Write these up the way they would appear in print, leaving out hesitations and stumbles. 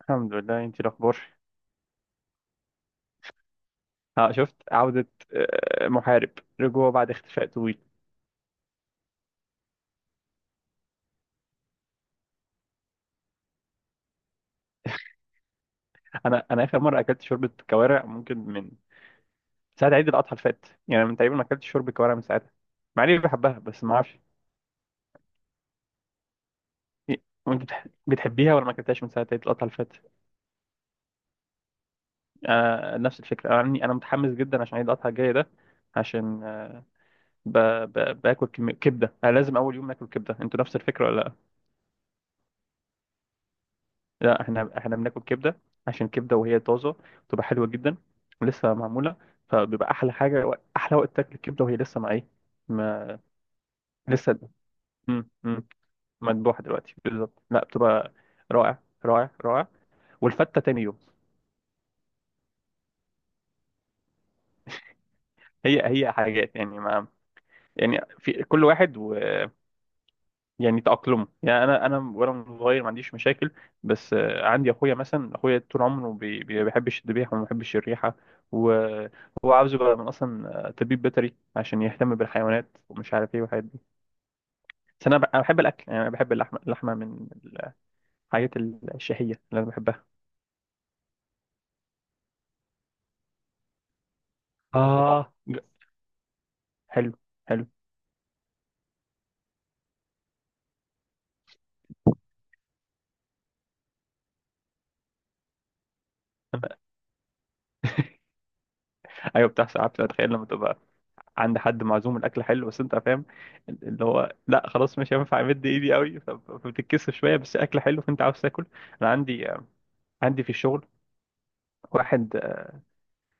الحمد لله. انت الاخبار؟ اه، شفت عودة، محارب، رجوع بعد اختفاء طويل. انا اخر مرة اكلت شوربة كوارع ممكن من ساعة عيد الاضحى اللي فات، يعني من تقريبا ما اكلتش شوربة كوارع من ساعتها، مع اني بحبها بس ما اعرفش. وانت بتحبيها ولا ما اكلتهاش من ساعة عيد الاضحى اللي فات؟ انا نفس الفكرة. انا متحمس جدا عشان عيد الاضحى الجاي ده. عشان ب... باكل كمية كبدة. انا لازم اول يوم اكل كبدة. انتوا نفس الفكرة ولا لا؟ لا، احنا بناكل كبده، عشان كبده وهي طازه بتبقى حلوه جدا، ولسه معموله، فبيبقى احلى حاجه. احلى وقت تاكل الكبده وهي لسه مع ايه، ما لسه. مم. مم. مذبوحه دلوقتي بالظبط، لا بتبقى رائع رائع رائع. والفته تاني يوم. هي حاجات يعني، ما يعني، في كل واحد يعني تأقلمه. يعني انا وانا صغير ما عنديش مشاكل، بس عندي اخويا مثلا. اخويا طول عمره بيحبش الذبيحه وما بيحبش الريحه، وهو عاوز يبقى من اصلا طبيب بيطري عشان يهتم بالحيوانات ومش عارف ايه والحاجات دي. بس انا انا بحب الاكل يعني. انا بحب اللحمه. اللحمه من الحاجات الشهيه اللي انا بحبها. آه ج- حلو. حلو، ايوه بتحصل. عارف، اتخيل لما تبقى عند حد معزوم، الاكل حلو، بس انت فاهم اللي هو لا، خلاص مش هينفع امد ايدي قوي، فبتتكسف شويه، بس اكل حلو، فانت عاوز تاكل. انا عندي، عندي في الشغل واحد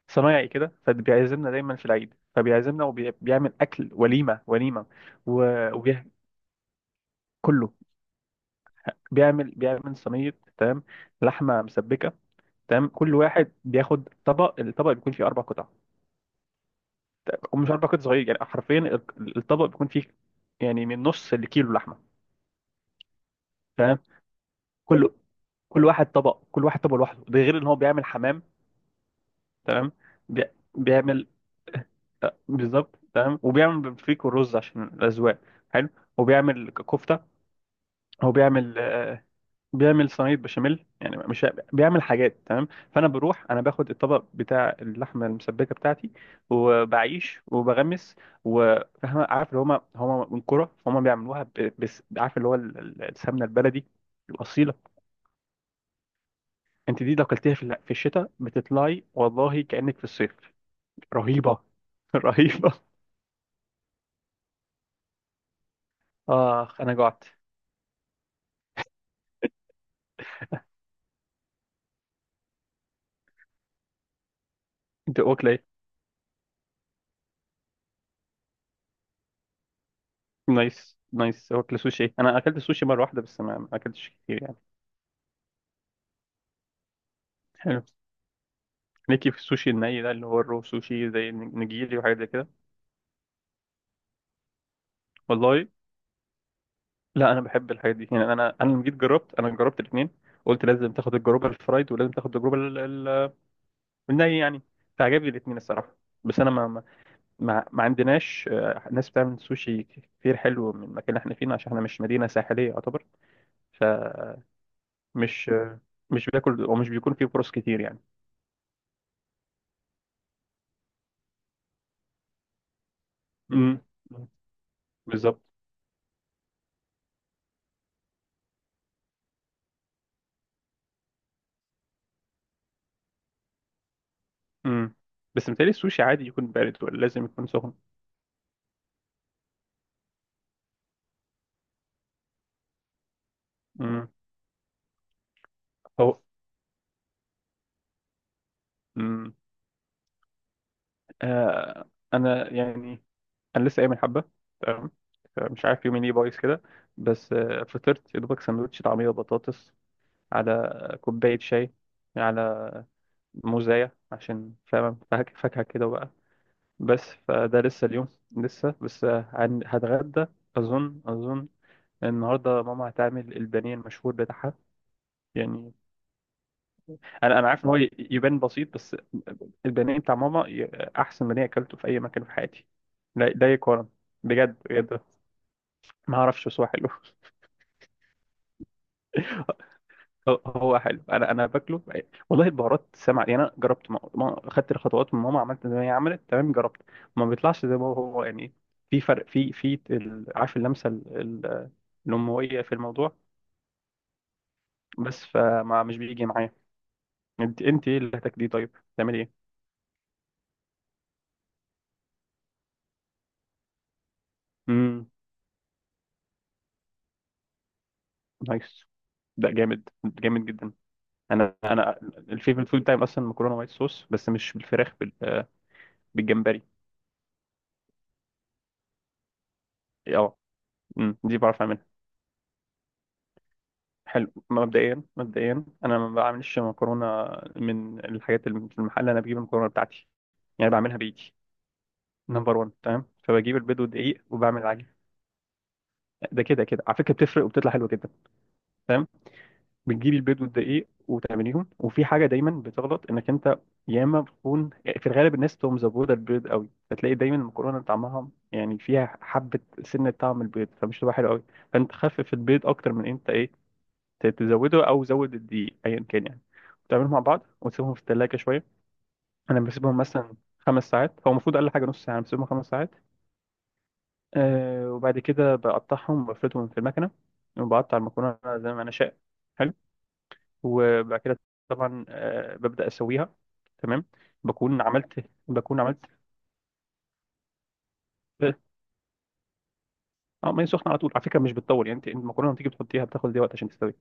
صنايعي كده، فبيعزمنا دايما في العيد، فبيعزمنا وبيعمل اكل وليمه وليمه. وكله كله بيعمل صينيه، تمام، لحمه مسبكه، تمام. كل واحد بياخد طبق. الطبق بيكون فيه اربع قطع، ومش اربع قطع صغير يعني، حرفيا الطبق بيكون فيه يعني من نص الكيلو لحمه. كل كل واحد طبق، كل واحد طبق لوحده، ده غير ان هو بيعمل حمام. تمام. بي... بيعمل. بالظبط، تمام. وبيعمل بفريك والرز عشان الاذواق. حلو. وبيعمل كفته. هو بيعمل بيعمل صينيه بشاميل يعني، مش بيعمل حاجات، تمام. فانا بروح، انا باخد الطبق بتاع اللحمه المسبكه بتاعتي، وبعيش وبغمس. وفاهم، عارف اللي هما هما من كرة فهم بيعملوها بس، عارف اللي هو السمنه البلدي الاصيله. انت دي لو اكلتيها في في الشتاء بتطلعي والله كأنك في الصيف. رهيبة. رهيبة. اخ، انا جعت. انت واكله ايه؟ نايس نايس. واكله سوشي. انا اكلت سوشي مره واحده بس، ما اكلتش كتير يعني. حلو. ليكي في السوشي الني ده، اللي هو الرو سوشي زي النجيري وحاجات زي كده؟ والله. لا، انا بحب الحاجات دي يعني. انا لما جيت جربت، انا جربت الاثنين. قلت لازم تاخد التجربه الفرايد، ولازم تاخد التجربه الني يعني. فعجبني الاثنين الصراحه. بس انا ما عندناش ناس بتعمل سوشي كتير حلو من المكان اللي احنا فيه، عشان احنا مش مدينة ساحلية يعتبر، فمش آه، مش بياكل ومش بيكون فيه فرص كتير يعني. امم، بالظبط. امم. بس متهيألي السوشي عادي يكون بارد، ولا لازم يكون سخن؟ امم. هو. امم. آه، انا يعني، انا لسه قايم من حبة. تمام. مش عارف يومي ليه بايظ كده، بس فطرت يا دوبك سندوتش طعمية وبطاطس على كوباية شاي، على موزاية عشان فاهم فاكهة كده بقى. بس فده لسه اليوم، لسه، بس هتغدى. أظن، أظن النهاردة ماما هتعمل البانيه المشهور بتاعها. يعني أنا عارف إن هو يبان بسيط، بس البانيه بتاع ماما أحسن بانيه أكلته في أي مكان في حياتي. لا لا يقارن. بجد بجد. ما أعرفش، بس هو حلو. هو حلو. انا باكله والله. البهارات سمع يعني. انا جربت، ما... ما... خدت الخطوات من ماما، عملت زي ما هي عملت، تمام، جربت، ما بيطلعش زي ما هو يعني. في فرق في في عارف اللمسه ال... الامويه في الموضوع بس. فما مش بيجي معايا. انت ايه اللي هتاكليه طيب؟ تعملي ايه؟ امم. نايس. ده جامد جامد جدا. انا الفيفورت فود بتاعي اصلا مكرونه وايت صوص، بس مش بالفراخ، بالجمبري. اه، أمم، دي بعرف. حلو، مبدئيا مبدئيا انا ما بعملش مكرونه من الحاجات اللي في المحل. انا بجيب المكرونه بتاعتي يعني، بعملها بايدي. نمبر 1، تمام. فبجيب البيض والدقيق وبعمل العجين. ده كده كده على فكره بتفرق وبتطلع حلوه جدا. تمام. بتجيبي البيض والدقيق وتعمليهم، وفي حاجه دايما بتغلط انك انت يا اما بتكون، في الغالب الناس تقوم مزبوطه البيض قوي، فتلاقي دايما المكرونه طعمها يعني فيها حبه سنه طعم البيض، فمش تبقى حلوه قوي. فانت خفف البيض اكتر من انت ايه، تزوده او زود الدقيق ايا كان يعني. وتعملهم مع بعض وتسيبهم في الثلاجه شويه. انا بسيبهم مثلا خمس ساعات، هو المفروض اقل حاجه نص ساعه، أنا بسيبهم خمس ساعات. أه، وبعد كده بقطعهم وبفردهم في المكنه، وبقطع المكرونه زي ما انا شاء. حلو. وبعد كده طبعا أه ببدا اسويها، تمام. بكون عملت. اه، ما هي سخنه على طول على فكره، مش بتطول يعني. انت المكرونه لما تيجي بتحطيها، بتاخد دي وقت عشان تستوي.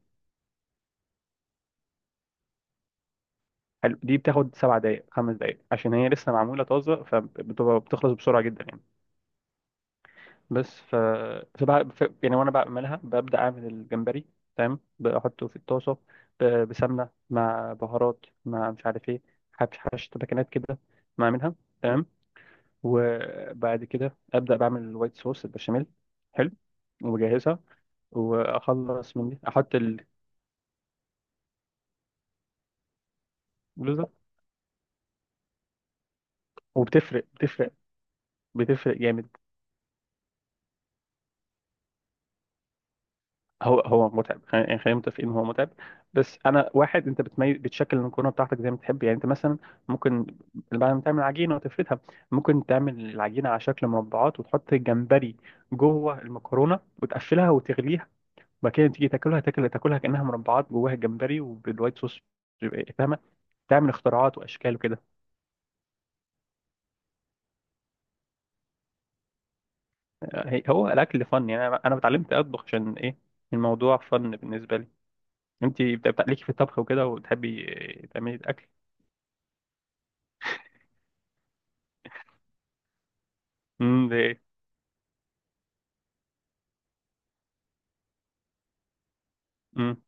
حلو. دي بتاخد سبع دقائق، خمس دقائق، عشان هي لسه معموله طازه فبتبقى بتخلص بسرعه جدا يعني. بس يعني وانا بعملها ببدا اعمل الجمبري، تمام، بحطه في الطاسه بسمنه مع بهارات، مع مش عارف ايه، حبش حبش تبكنات كده، بعملها، تمام. وبعد كده ابدا بعمل الوايت صوص، البشاميل. حلو. وبجهزها، واخلص من دي احط الرز. ده، وبتفرق، بتفرق، بتفرق جامد. هو متعب، خلينا يعني، خلينا متفقين ان هو متعب، بس انا واحد، انت بتميز، بتشكل المكرونه بتاعتك زي ما تحب يعني. انت مثلا ممكن بعد ما تعمل عجينه وتفردها، ممكن تعمل العجينه على شكل مربعات وتحط الجمبري جوه المكرونه وتقفلها وتغليها، وبعد كده تيجي تاكلها، تاكلها كانها مربعات جواها الجمبري وبالوايت صوص. بيبقى- فاهمه، تعمل اختراعات واشكال وكده. هو الاكل فن يعني. انا اتعلمت اطبخ عشان ايه؟ الموضوع فن بالنسبه لي. انت ليكي في الطبخ وكده، وتحبي تعملي الاكل؟ امم.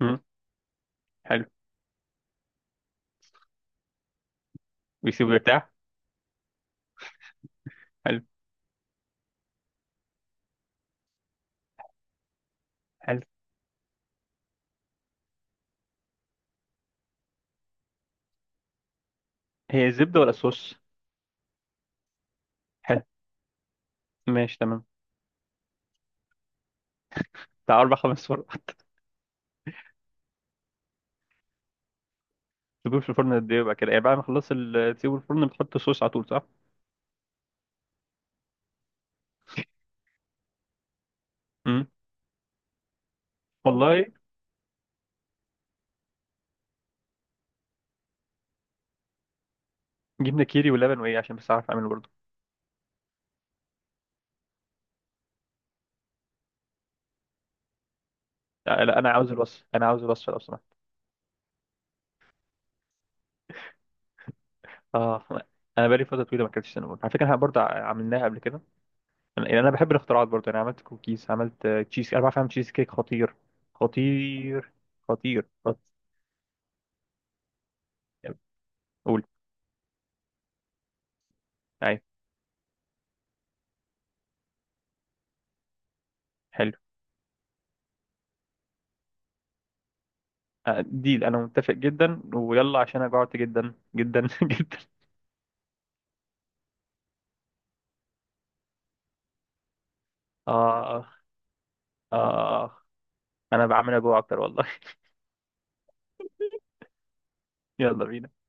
امم. حلو. ويسيبه يرتاح. حلو. حلو. هي الزبده ولا الصوص؟ حلو. ماشي تمام. بتاع اربع خمس فرق. تسيبوه في الفرن قد ايه بقى كده يعني؟ بعد ما خلص تسيبه في الفرن، بتحط الصوص على طول، صح؟ امم. والله. جبنه كيري ولبن، وايه عشان بس اعرف اعمله برضه؟ لا انا عاوز الوصف، انا عاوز الوصف لو سمحت. اه، انا بقالي فتره طويله ما اكلتش سينابون على فكره. احنا برضه عملناها قبل كده. انا يعني، أنا بحب الاختراعات برضه. انا عملت كوكيز، عملت تشيز، انا بعرف اعمل تشيز كيك خطير. خطير. خطير خطير. قول. ايوه. حلو. ديل، انا متفق جدا. ويلا، عشان انا جوعت جدا جدا جدا. اه. اه. انا بعمل اجوع اكتر والله. يلا بينا.